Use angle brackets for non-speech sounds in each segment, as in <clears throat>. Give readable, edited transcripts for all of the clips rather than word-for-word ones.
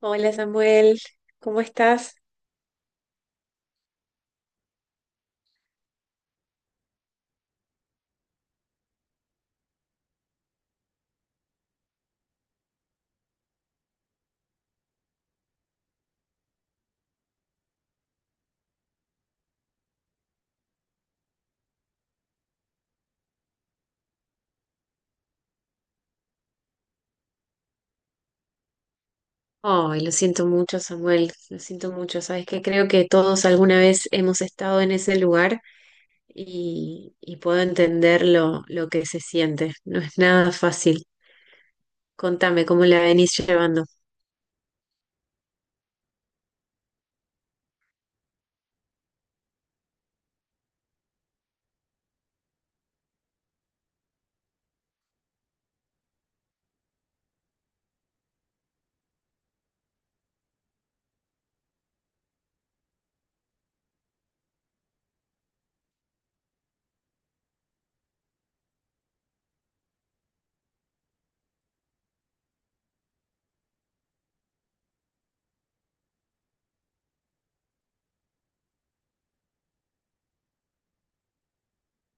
Hola Samuel, ¿cómo estás? Ay, lo siento mucho, Samuel, lo siento mucho. Sabes que creo que todos alguna vez hemos estado en ese lugar y puedo entender lo que se siente. No es nada fácil. Contame cómo la venís llevando.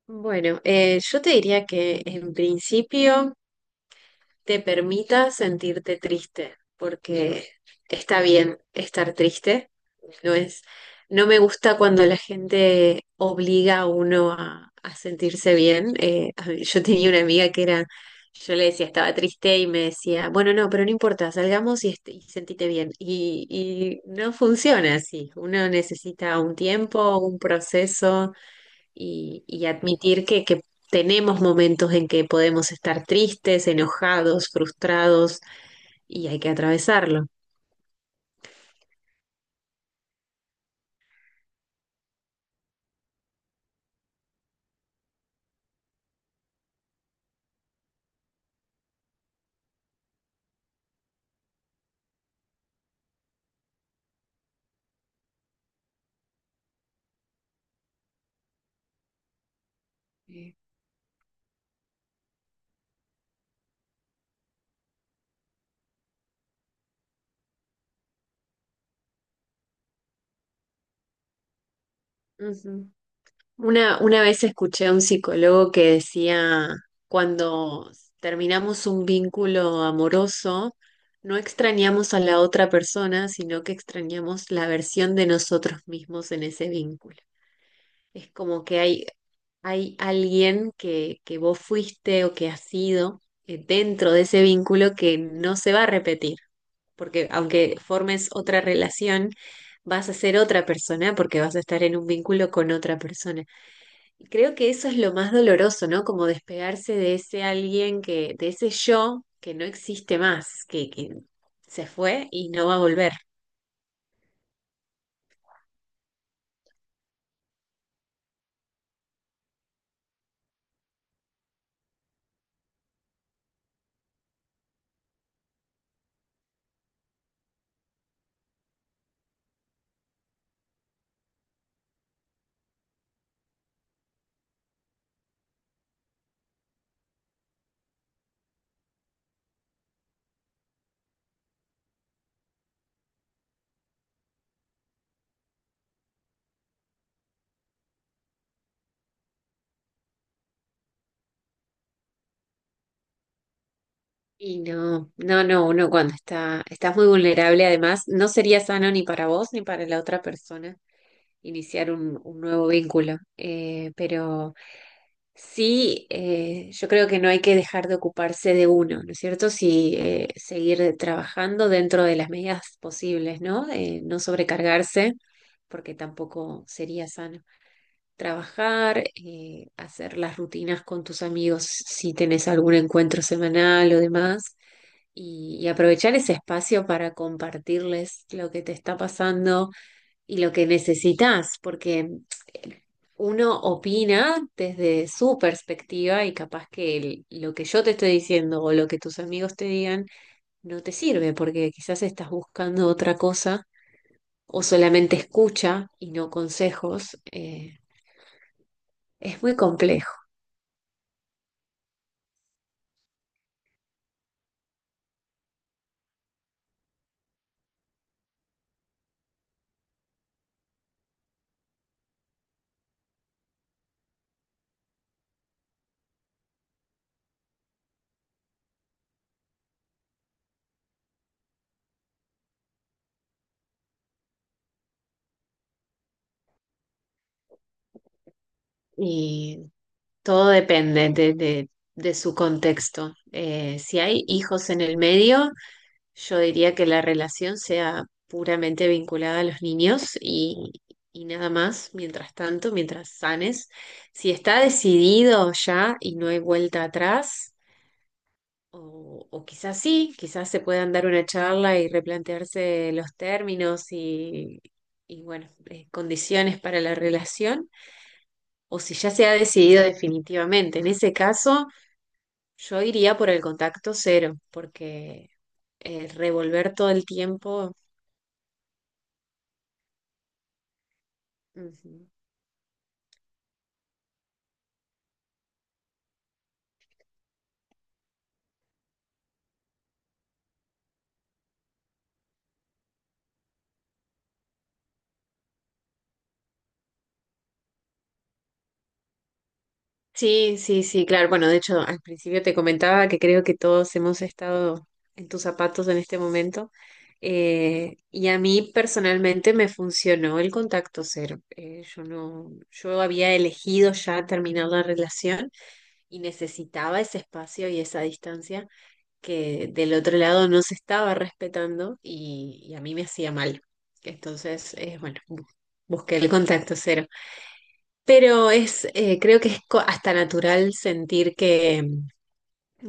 Bueno, yo te diría que en principio te permita sentirte triste, porque está bien estar triste, no es, no me gusta cuando la gente obliga a uno a sentirse bien. Yo tenía una amiga que era, yo le decía, estaba triste y me decía, bueno, no, pero no importa, salgamos y sentite bien. Y no funciona así, uno necesita un tiempo, un proceso y admitir que tenemos momentos en que podemos estar tristes, enojados, frustrados y hay que atravesarlo. Sí. Ujú. Una vez escuché a un psicólogo que decía, cuando terminamos un vínculo amoroso, no extrañamos a la otra persona, sino que extrañamos la versión de nosotros mismos en ese vínculo. Es como que hay ¿Hay alguien que vos fuiste o que has sido dentro de ese vínculo que no se va a repetir? Porque aunque formes otra relación, vas a ser otra persona porque vas a estar en un vínculo con otra persona. Y creo que eso es lo más doloroso, ¿no? Como despegarse de ese alguien que, de ese yo que no existe más, que se fue y no va a volver. Y no, no, no, uno cuando está, estás muy vulnerable, además, no sería sano ni para vos ni para la otra persona. Iniciar un nuevo vínculo. Pero sí, yo creo que no hay que dejar de ocuparse de uno, ¿no es cierto? Sí, seguir trabajando dentro de las medidas posibles, ¿no? No sobrecargarse, porque tampoco sería sano. Trabajar, hacer las rutinas con tus amigos si tenés algún encuentro semanal o demás. Y aprovechar ese espacio para compartirles lo que te está pasando y lo que necesitas, porque uno opina desde su perspectiva y capaz que lo que yo te estoy diciendo o lo que tus amigos te digan no te sirve porque quizás estás buscando otra cosa o solamente escucha y no consejos. Es muy complejo y todo depende de su contexto. Si hay hijos en el medio, yo diría que la relación sea puramente vinculada a los niños y nada más, mientras tanto, mientras sanes. Si está decidido ya y no hay vuelta atrás, o quizás sí, quizás se puedan dar una charla y replantearse los términos y bueno, condiciones para la relación, o si ya se ha decidido definitivamente. En ese caso, yo iría por el contacto cero, porque revolver todo el tiempo. Ujú. Sí, sí, sí, claro. Bueno, de hecho, al principio te comentaba que creo que todos hemos estado en tus zapatos en este momento. Y a mí personalmente me funcionó el contacto cero. Yo no, yo había elegido ya terminar la relación y necesitaba ese espacio y esa distancia que del otro lado no se estaba respetando y a mí me hacía mal. Entonces, bueno, busqué el contacto cero. Pero es, creo que es hasta natural sentir que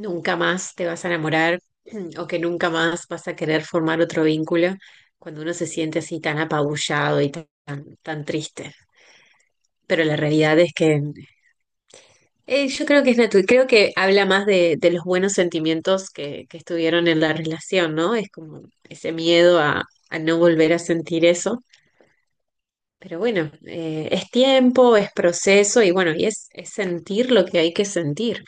nunca más te vas a enamorar <clears throat> o que nunca más vas a querer formar otro vínculo cuando uno se siente así tan apabullado y tan, tan triste. Pero la realidad es que yo creo que es natural, creo que habla más de los buenos sentimientos que estuvieron en la relación, ¿no? Es como ese miedo a no volver a sentir eso. Pero bueno, es tiempo, es proceso y bueno, y es sentir lo que hay que sentir.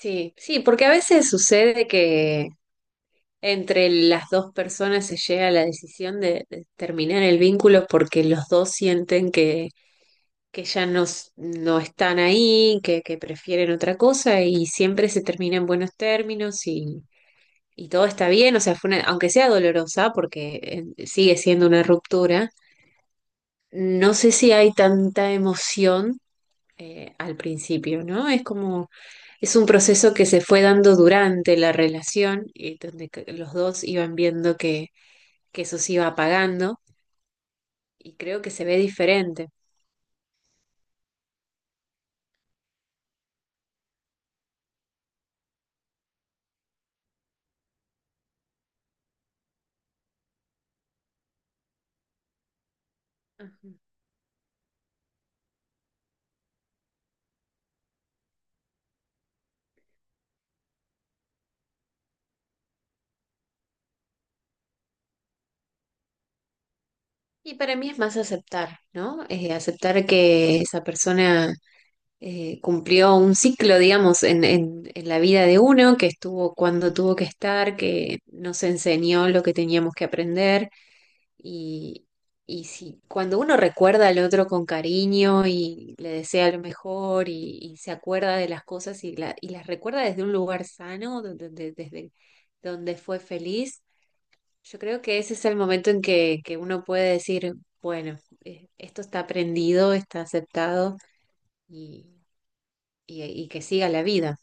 Sí, sí, porque a veces sucede que entre las dos personas se llega a la decisión de terminar el vínculo porque los dos sienten que ya no, no están ahí, que prefieren otra cosa y siempre se termina en buenos términos y todo está bien, o sea, aunque sea dolorosa porque sigue siendo una ruptura, no sé si hay tanta emoción al principio, ¿no? Es como, es un proceso que se fue dando durante la relación y donde que los dos iban viendo que eso se iba apagando y creo que se ve diferente. Ujú. Y para mí es más aceptar, ¿no? Aceptar que esa persona cumplió un ciclo, digamos, en la vida de uno, que estuvo cuando tuvo que estar, que nos enseñó lo que teníamos que aprender. Y, y si cuando uno recuerda al otro con cariño y le desea lo mejor y se acuerda de las cosas y las recuerda desde un lugar sano, desde donde fue feliz, yo creo que ese es el momento en que uno puede decir, bueno, esto está aprendido, está aceptado y, y que siga la vida.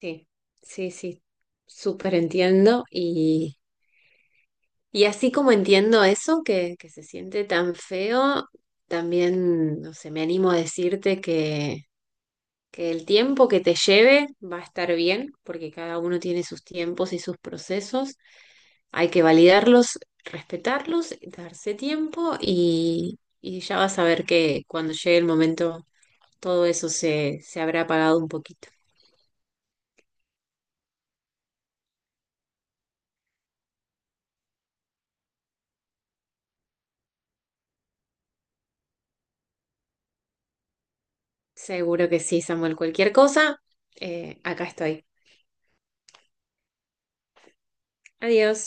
Sí, sí, sí, súper entiendo. Y así como entiendo eso, que se siente tan feo, también, no sé, me animo a decirte que el tiempo que te lleve va a estar bien, porque cada uno tiene sus tiempos y sus procesos. Hay que validarlos, respetarlos, darse tiempo y ya vas a ver que cuando llegue el momento todo eso se, se habrá apagado un poquito. Seguro que sí, Samuel. Cualquier cosa, acá estoy. Adiós.